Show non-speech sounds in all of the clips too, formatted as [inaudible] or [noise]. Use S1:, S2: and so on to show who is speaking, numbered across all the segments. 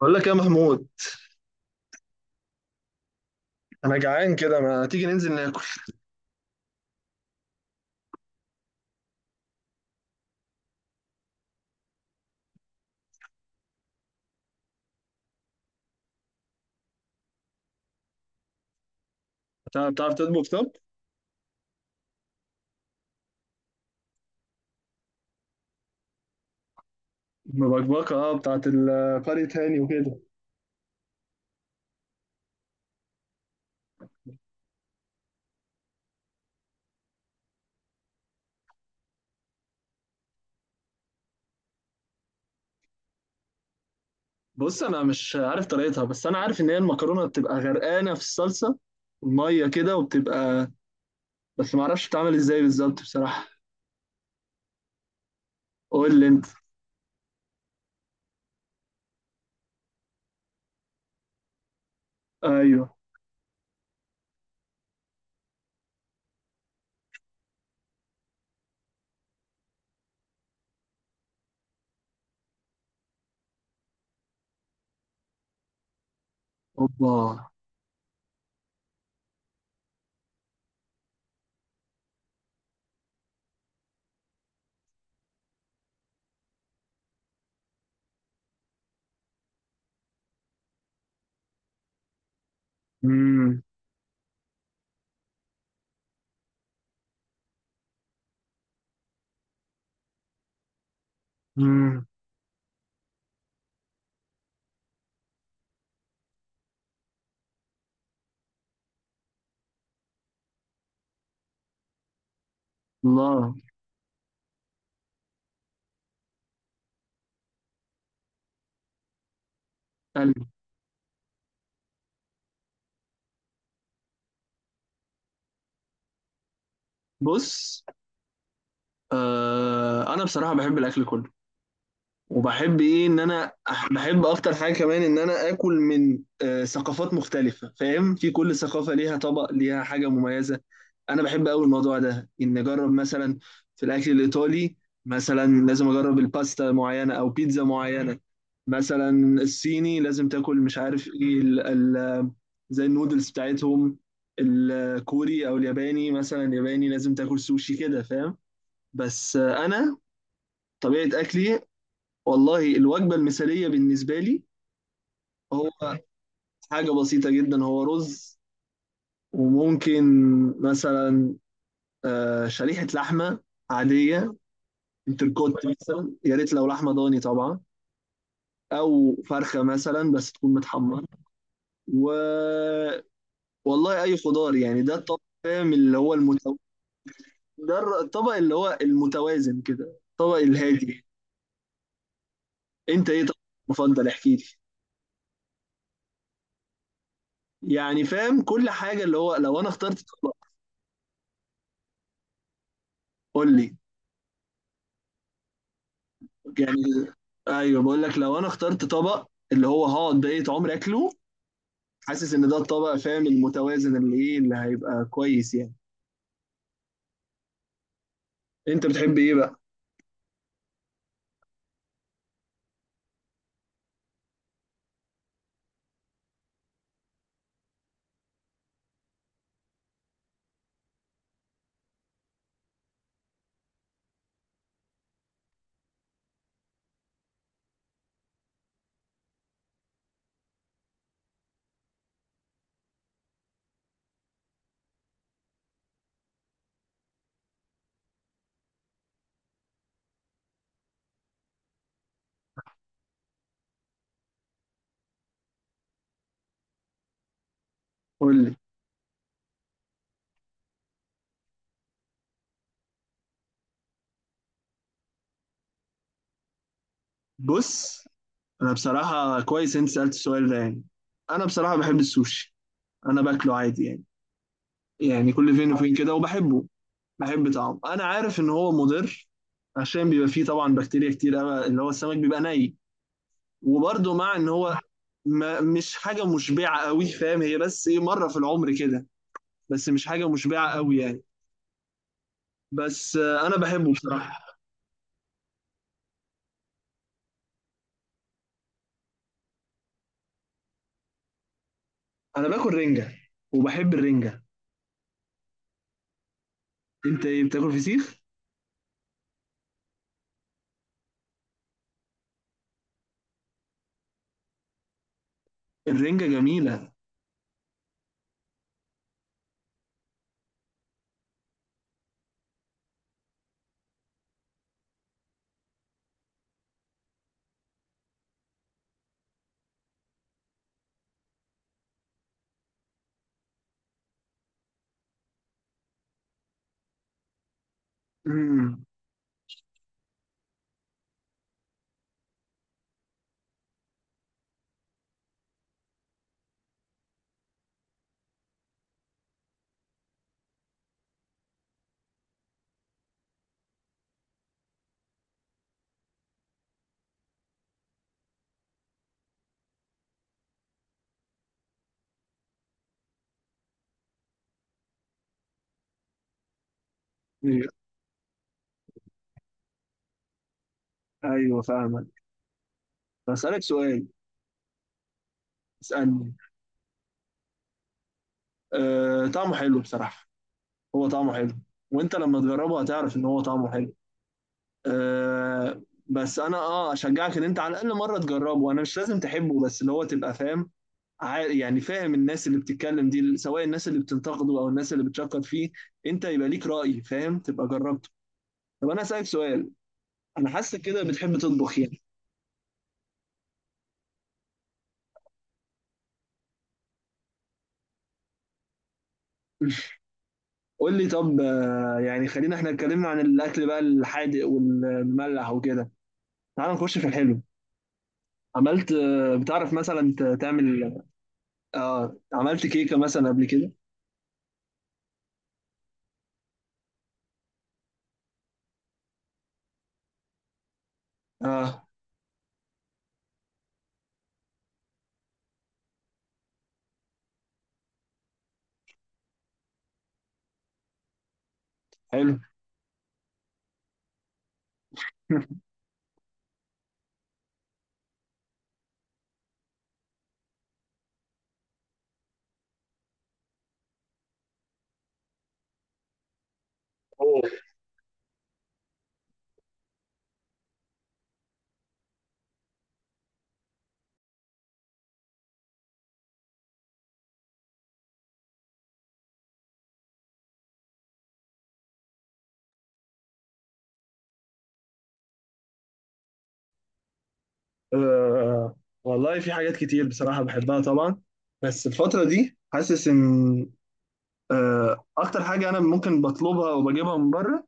S1: بقول لك يا محمود، انا جعان كده، ما تيجي ننزل ناكل؟ بتعرف تطبخ؟ طب مبكبكه، اه، بتاعت قرية هاني وكده. بص انا مش عارف طريقتها، بس انا عارف ان هي المكرونه بتبقى غرقانه في الصلصه، الميه كده، وبتبقى، بس ما اعرفش بتتعمل ازاي بالظبط بصراحه. قول لي انت. ايوه. اوبا. امم. امم. الله. قلبي. بص، آه، انا بصراحه بحب الاكل كله، وبحب ايه، ان انا بحب اكتر حاجه كمان ان انا اكل من ثقافات مختلفه، فاهم؟ في كل ثقافه ليها طبق، ليها حاجه مميزه. انا بحب قوي الموضوع ده، ان اجرب مثلا في الاكل الايطالي مثلا لازم اجرب الباستا معينه او بيتزا معينه. مثلا الصيني لازم تاكل مش عارف ايه ال زي النودلز بتاعتهم. الكوري او الياباني، مثلا الياباني لازم تاكل سوشي، كده، فاهم؟ بس انا طبيعه اكلي، والله الوجبة المثالية بالنسبة لي هو حاجة بسيطة جدا، هو رز، وممكن مثلا شريحة لحمة عادية، انتركوت مثلا، يا ريت لو لحمة ضاني طبعا، أو فرخة مثلا بس تكون متحمرة، و والله أي خضار، يعني ده الطبق فاهم اللي هو ده الطبق اللي هو المتوازن كده، الطبق الهادي. أنت إيه طبق مفضل؟ احكي لي. يعني فاهم كل حاجة، اللي هو لو أنا اخترت طبق. قول لي يعني. ايوه، بقول لك لو انا اخترت طبق اللي هو هقعد بقية عمري اكله، حاسس ان ده الطبق فاهم المتوازن اللي ايه اللي هيبقى كويس يعني. انت بتحب ايه بقى؟ قول لي. بص انا بصراحة كويس انت سألت السؤال ده، يعني انا بصراحة بحب السوشي، انا باكله عادي يعني، يعني كل فين وفين كده وبحبه. بحب طعمه، انا عارف ان هو مضر عشان بيبقى فيه طبعا بكتيريا كتير قوي، اللي هو السمك بيبقى ني، وبرده مع ان هو ما مش حاجة مشبعة قوي، فاهم؟ هي بس ايه، مرة في العمر كده، بس مش حاجة مشبعة قوي يعني. بس أنا بحبه بصراحة. أنا باكل رنجة وبحب الرنجة. أنت إيه، بتاكل فسيخ؟ الرنجة جميلة. امم. أيوه فاهمك. بسألك سؤال. اسألني. أه، طعمه حلو بصراحة، هو طعمه حلو. وأنت لما تجربه هتعرف إن هو طعمه حلو. أه. بس أنا أه أشجعك إن أنت على الأقل مرة تجربه، أنا مش لازم تحبه، بس اللي هو تبقى فاهم يعني فاهم الناس اللي بتتكلم دي، سواء الناس اللي بتنتقده او الناس اللي بتشكر فيه، انت يبقى ليك رأي فاهم، تبقى جربته. طب انا اسالك سؤال، انا حاسس كده بتحب تطبخ يعني. [laughs] قول لي طب، يعني خلينا، احنا اتكلمنا عن الاكل بقى الحادق والمملح وكده، تعال نخش في الحلو. عملت بتعرف مثلا تعمل، اه، عملت كيكة مثلا قبل كده؟ اه. حلو. [laughs] أوه. آه والله في حاجات كتير بصراحة بحبها طبعا، بس الفترة دي حاسس إن اكتر حاجه انا ممكن بطلبها وبجيبها من بره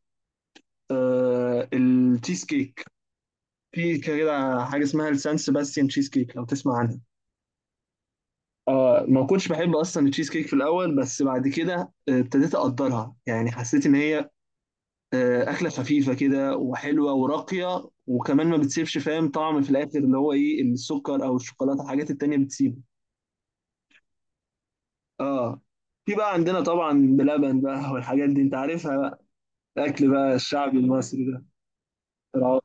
S1: التشيز كيك. في كده حاجه اسمها السان سيباستيان تشيز كيك، لو تسمع عنها. اه. ما كنتش بحب اصلا التشيز كيك في الاول، بس بعد كده ابتديت اقدرها، يعني حسيت ان هي اكله خفيفه كده وحلوه وراقيه، وكمان ما بتسيبش فاهم طعم في الاخر، اللي هو ايه السكر او الشوكولاته، الحاجات التانيه بتسيبه. اه. في بقى عندنا طبعا بلبن بقى والحاجات دي، انت عارفها بقى، الاكل بقى الشعبي المصري ده. العو-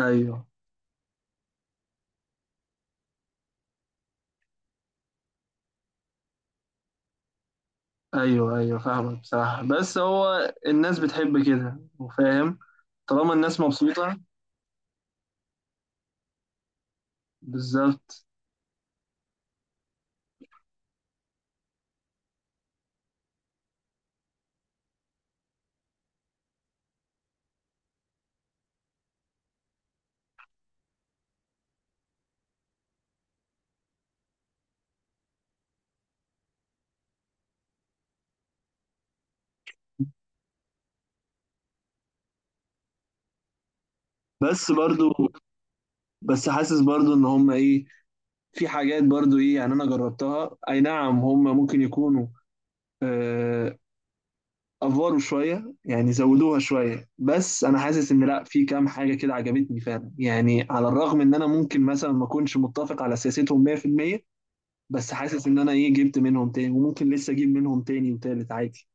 S1: ايوه ايوه فاهمك بصراحة، بس هو الناس بتحب كده وفاهم، طالما الناس مبسوطة. بالظبط. بس برضو، بس حاسس برضو ان هم ايه، في حاجات برضو ايه، يعني انا جربتها، اي نعم هم ممكن يكونوا آه افوروا شوية، يعني زودوها شوية، بس انا حاسس ان لا، في كام حاجة كده عجبتني فعلا، يعني على الرغم ان انا ممكن مثلا ما اكونش متفق على سياستهم 100%، بس حاسس ان انا ايه جبت منهم تاني وممكن لسه اجيب منهم تاني وتالت عادي.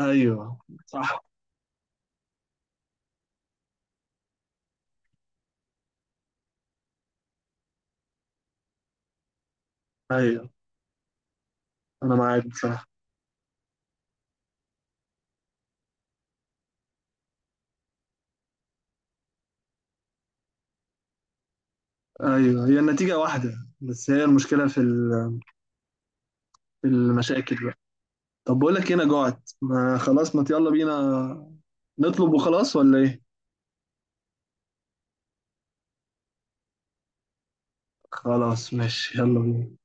S1: ايوه. صح. ايوه انا معاك بصراحه. ايوه هي النتيجه واحده، بس هي المشكله في في المشاكل بقى. طب بقول لك إيه، انا جوعت ما خلاص، ما يلا بينا نطلب وخلاص، ولا ايه؟ خلاص ماشي، يلا بينا.